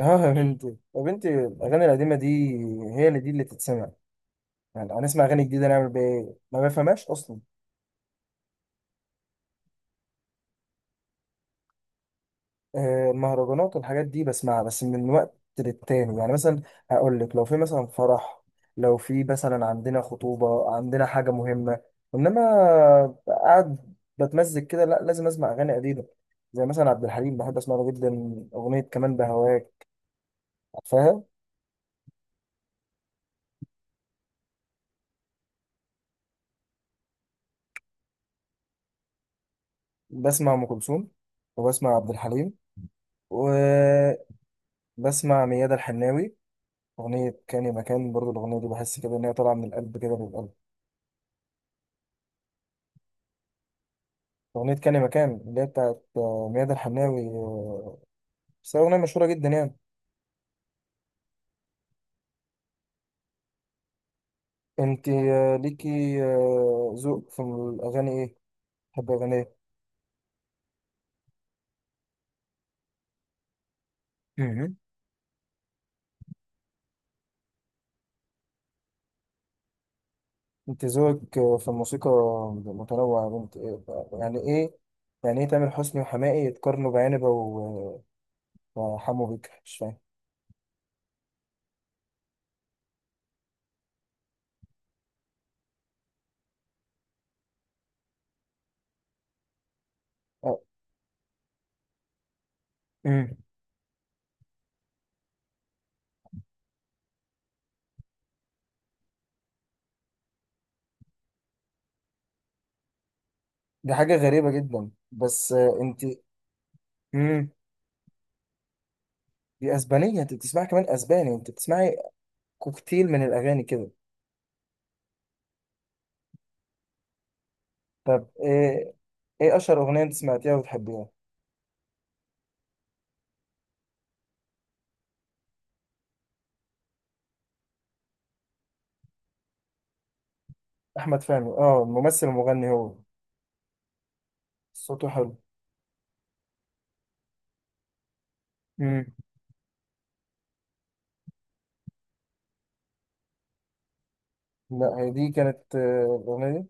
اه يا بنتي، يا بنتي الاغاني القديمه دي هي اللي تتسمع. يعني هنسمع اغاني جديده نعمل بيها ايه؟ ما بفهمهاش اصلا. المهرجانات والحاجات دي بسمعها بس من وقت للتاني، يعني مثلا هقول لك لو في مثلا فرح، لو في مثلا عندنا خطوبه، عندنا حاجه مهمه. انما قاعد بتمزج كده، لا، لازم اسمع اغاني قديمه. زي مثلا عبد الحليم بحب اسمع له جدا. اغنيه كمان بهواك، عارفاها؟ بسمع ام كلثوم، وبسمع عبد الحليم، و بسمع ميادة الحناوي. أغنية كاني مكان برضو، الأغنية دي بحس كده إن هي طالعة من القلب كده للقلب. أغنية كاني مكان اللي هي بتاعت ميادة الحناوي بس هي أغنية مشهورة جدا يعني. أنت ليكي ذوق في الأغاني إيه؟ تحب أغاني إيه؟ مهم. أنت ذوقك في الموسيقى متنوع يا بنت، إيه بقى؟ يعني إيه؟ يعني إيه تامر حسني وحماقي يتقارنوا بعنبة وحمو بيكا؟ مش فاهم. آه، مم. دي حاجة غريبة جدا، بس أنت... دي اسبانيه، انت بتسمعي كمان اسباني؟ انت بتسمعي كوكتيل من الاغاني كده. طب ايه؟ ايه اشهر اغنيه انت سمعتيها وبتحبيها؟ احمد فهمي، اه ممثل ومغني هو. صوته حلو، امم. لا هي دي كانت الاغنيه دي.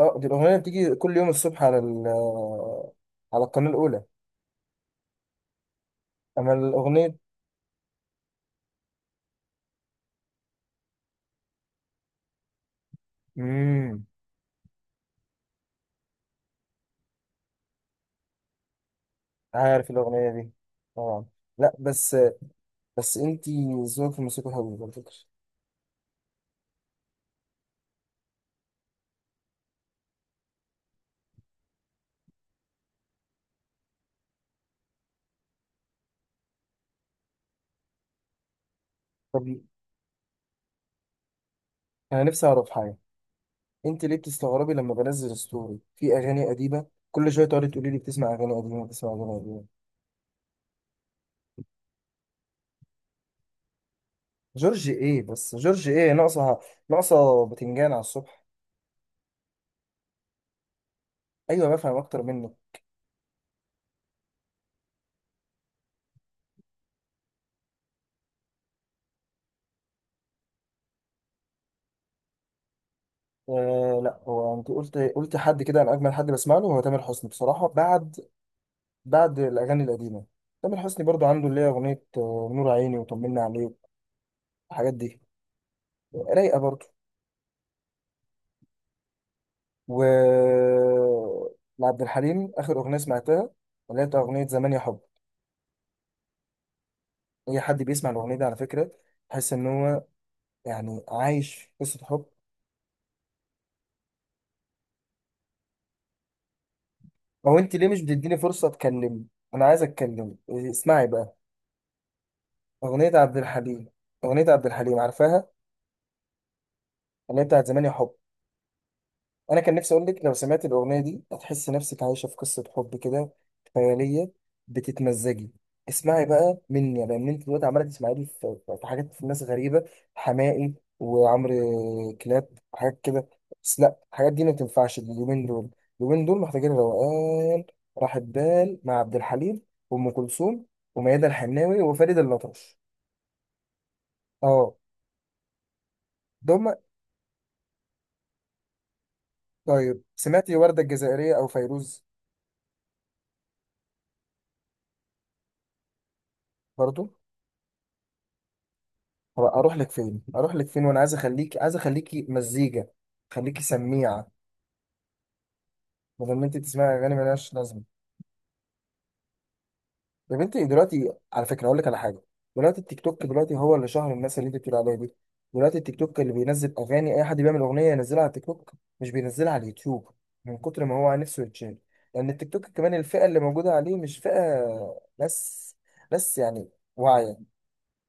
اه دي الاغنيه اللي بتيجي كل يوم الصبح على ال على القناه الاولى. اما الاغنيه... امم. عارف الاغنيه دي، طبعا. لا بس، بس انت ذوقك في الموسيقى حلو على فكره. طب انا نفسي اعرف حاجه، انت ليه بتستغربي لما بنزل ستوري في اغاني قديمه؟ كل شويه تقعدي تقولي لي بتسمع اغاني قديمه، بتسمع اغاني قديمه. جورج ايه بس؟ جورج ايه؟ ناقصه، ناقصه باتنجان على الصبح. ايوه، بفهم اكتر منك. آه لا، هو انت قلت حد كده، انا اجمل حد بسمع له هو تامر حسني بصراحه، بعد، بعد الاغاني القديمه. تامر حسني برضو عنده اللي هي اغنيه نور عيني وطمنا عليك، الحاجات دي رايقه برضو. و لعبد الحليم اخر اغنيه سمعتها اللي هي بتاع اغنيه زمان يا حب. اي حد بيسمع الاغنيه دي على فكره تحس ان هو يعني عايش في قصه حب. هو انت ليه مش بتديني فرصه اتكلم؟ انا عايز اتكلم. إيه، اسمعي بقى. اغنيه عبد الحليم، اغنيه عبد الحليم عارفاها؟ اللي هي بتاعت زمان يا حب. انا كان نفسي اقول لك لو سمعت الاغنيه دي هتحس نفسك عايشه في قصه حب كده، خياليه، بتتمزجي. اسمعي بقى مني، لان انت دلوقتي عماله تسمعي لي في حاجات، في ناس غريبه، حماقي وعمرو كلاب، حاجات كده. بس لا، الحاجات دي ما تنفعش اليومين دول. اليومين دول محتاجين روقان، راحه بال مع عبد الحليم وام كلثوم وميادة الحناوي وفريد الأطرش، اه. دول، طيب سمعتي وردة الجزائرية أو فيروز؟ برضو. هو اروح لك فين؟ اروح لك فين وانا عايز اخليك، عايز اخليكي مزيكا، خليكي سميعه؟ بدل ما انت تسمعي اغاني ملهاش لازمه. يا بنتي دلوقتي على فكره اقول لك على حاجه، دلوقتي التيك توك، دلوقتي هو اللي شهر الناس اللي انت بتقول عليها دي. دلوقتي التيك توك اللي بينزل اغاني، اي حد بيعمل اغنيه ينزلها على التيك توك، مش بينزلها على اليوتيوب، من كتر ما هو نفسه يتشال. لان التيك توك كمان الفئه اللي موجوده عليه مش فئه ناس، ناس يعني واعيه.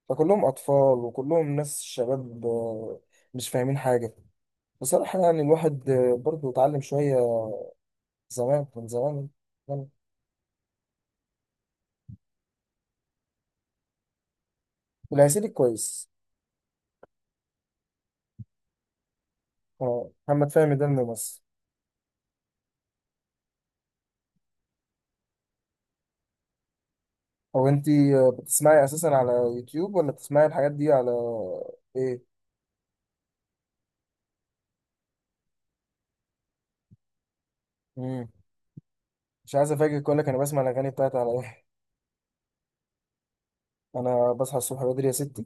فكلهم اطفال وكلهم ناس شباب مش فاهمين حاجه. بصراحة يعني الواحد برضه اتعلم شوية زمان من زمان، يعني. والهسيلي كويس. محمد فهمي ده الممثل. هو انت بتسمعي اساسا على يوتيوب ولا بتسمعي الحاجات دي على ايه؟ مم. مش عايز افاجئك، اقول لك انا بسمع الاغاني بتاعتي على ايه؟ انا بصحى الصبح بدري يا ستي،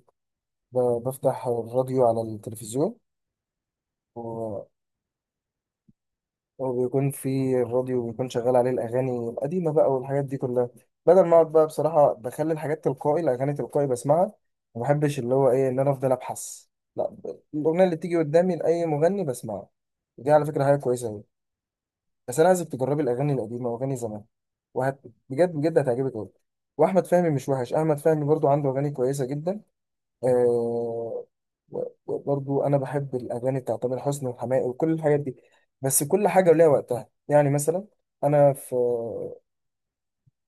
بفتح الراديو على التلفزيون، وبيكون في الراديو بيكون شغال عليه الأغاني القديمة بقى والحاجات دي كلها. بدل ما أقعد بقى بصراحة بخلي الحاجات تلقائي، الأغاني تلقائي بسمعها. ما بحبش اللي هو إيه إن أنا أفضل أبحث، لا، الأغنية اللي بتيجي قدامي لأي مغني بسمعها. دي على فكرة حاجة كويسة أوي. بس أنا عايزك تجربي الأغاني القديمة وأغاني زمان، وهت بجد بجد هتعجبك أوي. وأحمد فهمي مش وحش، أحمد فهمي برضو عنده أغاني كويسة جدا، آه. وبرضو انا بحب الاغاني بتاعت تامر حسني وحماقي وكل الحاجات دي. بس كل حاجه وليها وقتها، يعني مثلا انا في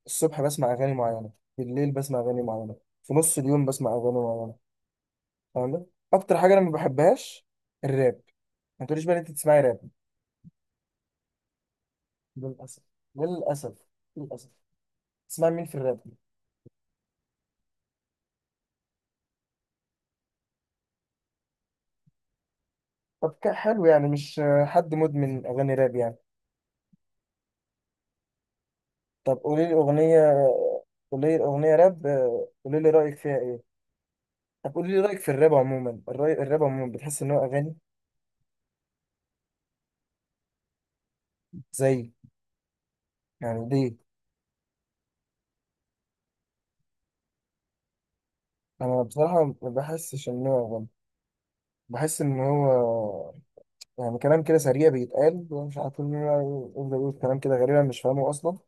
الصبح بسمع اغاني معينه، بالليل بسمع اغاني معينه، في نص اليوم بسمع اغاني معينه، فاهم؟ اكتر حاجه انا ما بحبهاش الراب. ما تقوليش بقى إن انت تسمعي راب. للاسف، للاسف، للاسف. تسمعي مين في الراب؟ طب حلو يعني، مش حد مدمن اغاني راب يعني. طب قولي لي اغنيه، قولي لي اغنيه راب، قولي لي رايك فيها ايه. طب قولي لي رأيك في الراب عموما، الرأي الراب عموما بتحس إن هو أغاني زي... يعني ليه؟ أنا بصراحة ما بحسش إن هو أغاني. بحس إن هو يعني كلام كده سريع بيتقال، ومش عارف مين يقعد يقول كلام كده غريبا مش فاهمه أصلا.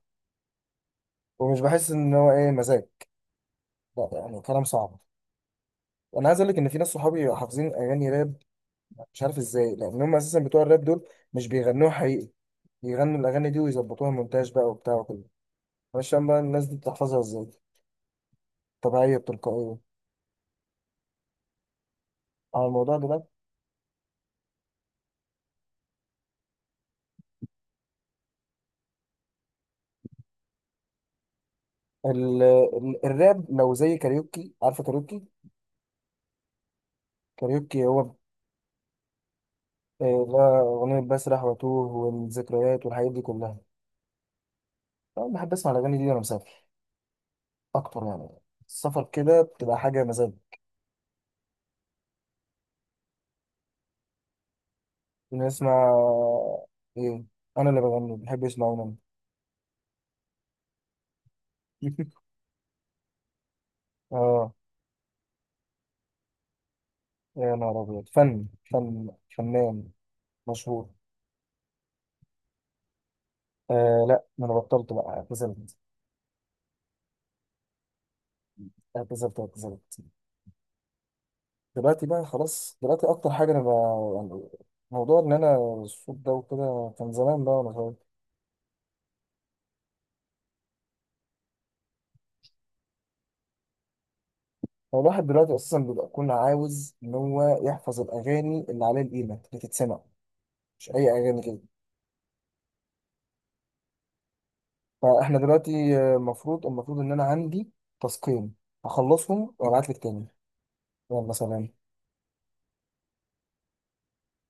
ومش بحس إن هو إيه، مزاج. لا يعني كلام صعب. أنا عايز أقول لك إن في ناس صحابي حافظين أغاني راب، مش عارف إزاي، لأن هم أساسا بتوع الراب دول مش بيغنوها حقيقي، بيغنوا الأغاني دي ويظبطوها مونتاج بقى وبتاع وكده. مش فاهم بقى الناس دي بتحفظها إزاي، طبيعية بتلقائية، على الموضوع ده. الراب لو زي كاريوكي، عارفه كاريوكي؟ كاريوكي هو لا، اغنيه بسرح واتوه والذكريات والحاجات دي كلها. انا بحب اسمع الاغاني دي وانا مسافر اكتر، يعني السفر كده بتبقى حاجه مزاج. إني اسمع ايه؟ انا اللي بغني، بحب اسمع انا. اه يا نهار ابيض، فن فن فنان مشهور. آه لا، ما انا بطلت بقى، اعتزلت، اعتزلت، اعتزلت. دلوقتي بقى خلاص، دلوقتي اكتر حاجه انا بقى يعني موضوع ان انا الصوت ده وكده كان زمان بقى وانا صغير. هو الواحد دلوقتي اساسا بيبقى كل عاوز ان هو يحفظ الاغاني اللي عليها القيمه اللي تتسمع، مش اي اغاني كده. فاحنا دلوقتي المفروض ان انا عندي تاسكين، هخلصهم وابعت لك تاني. يلا سلام.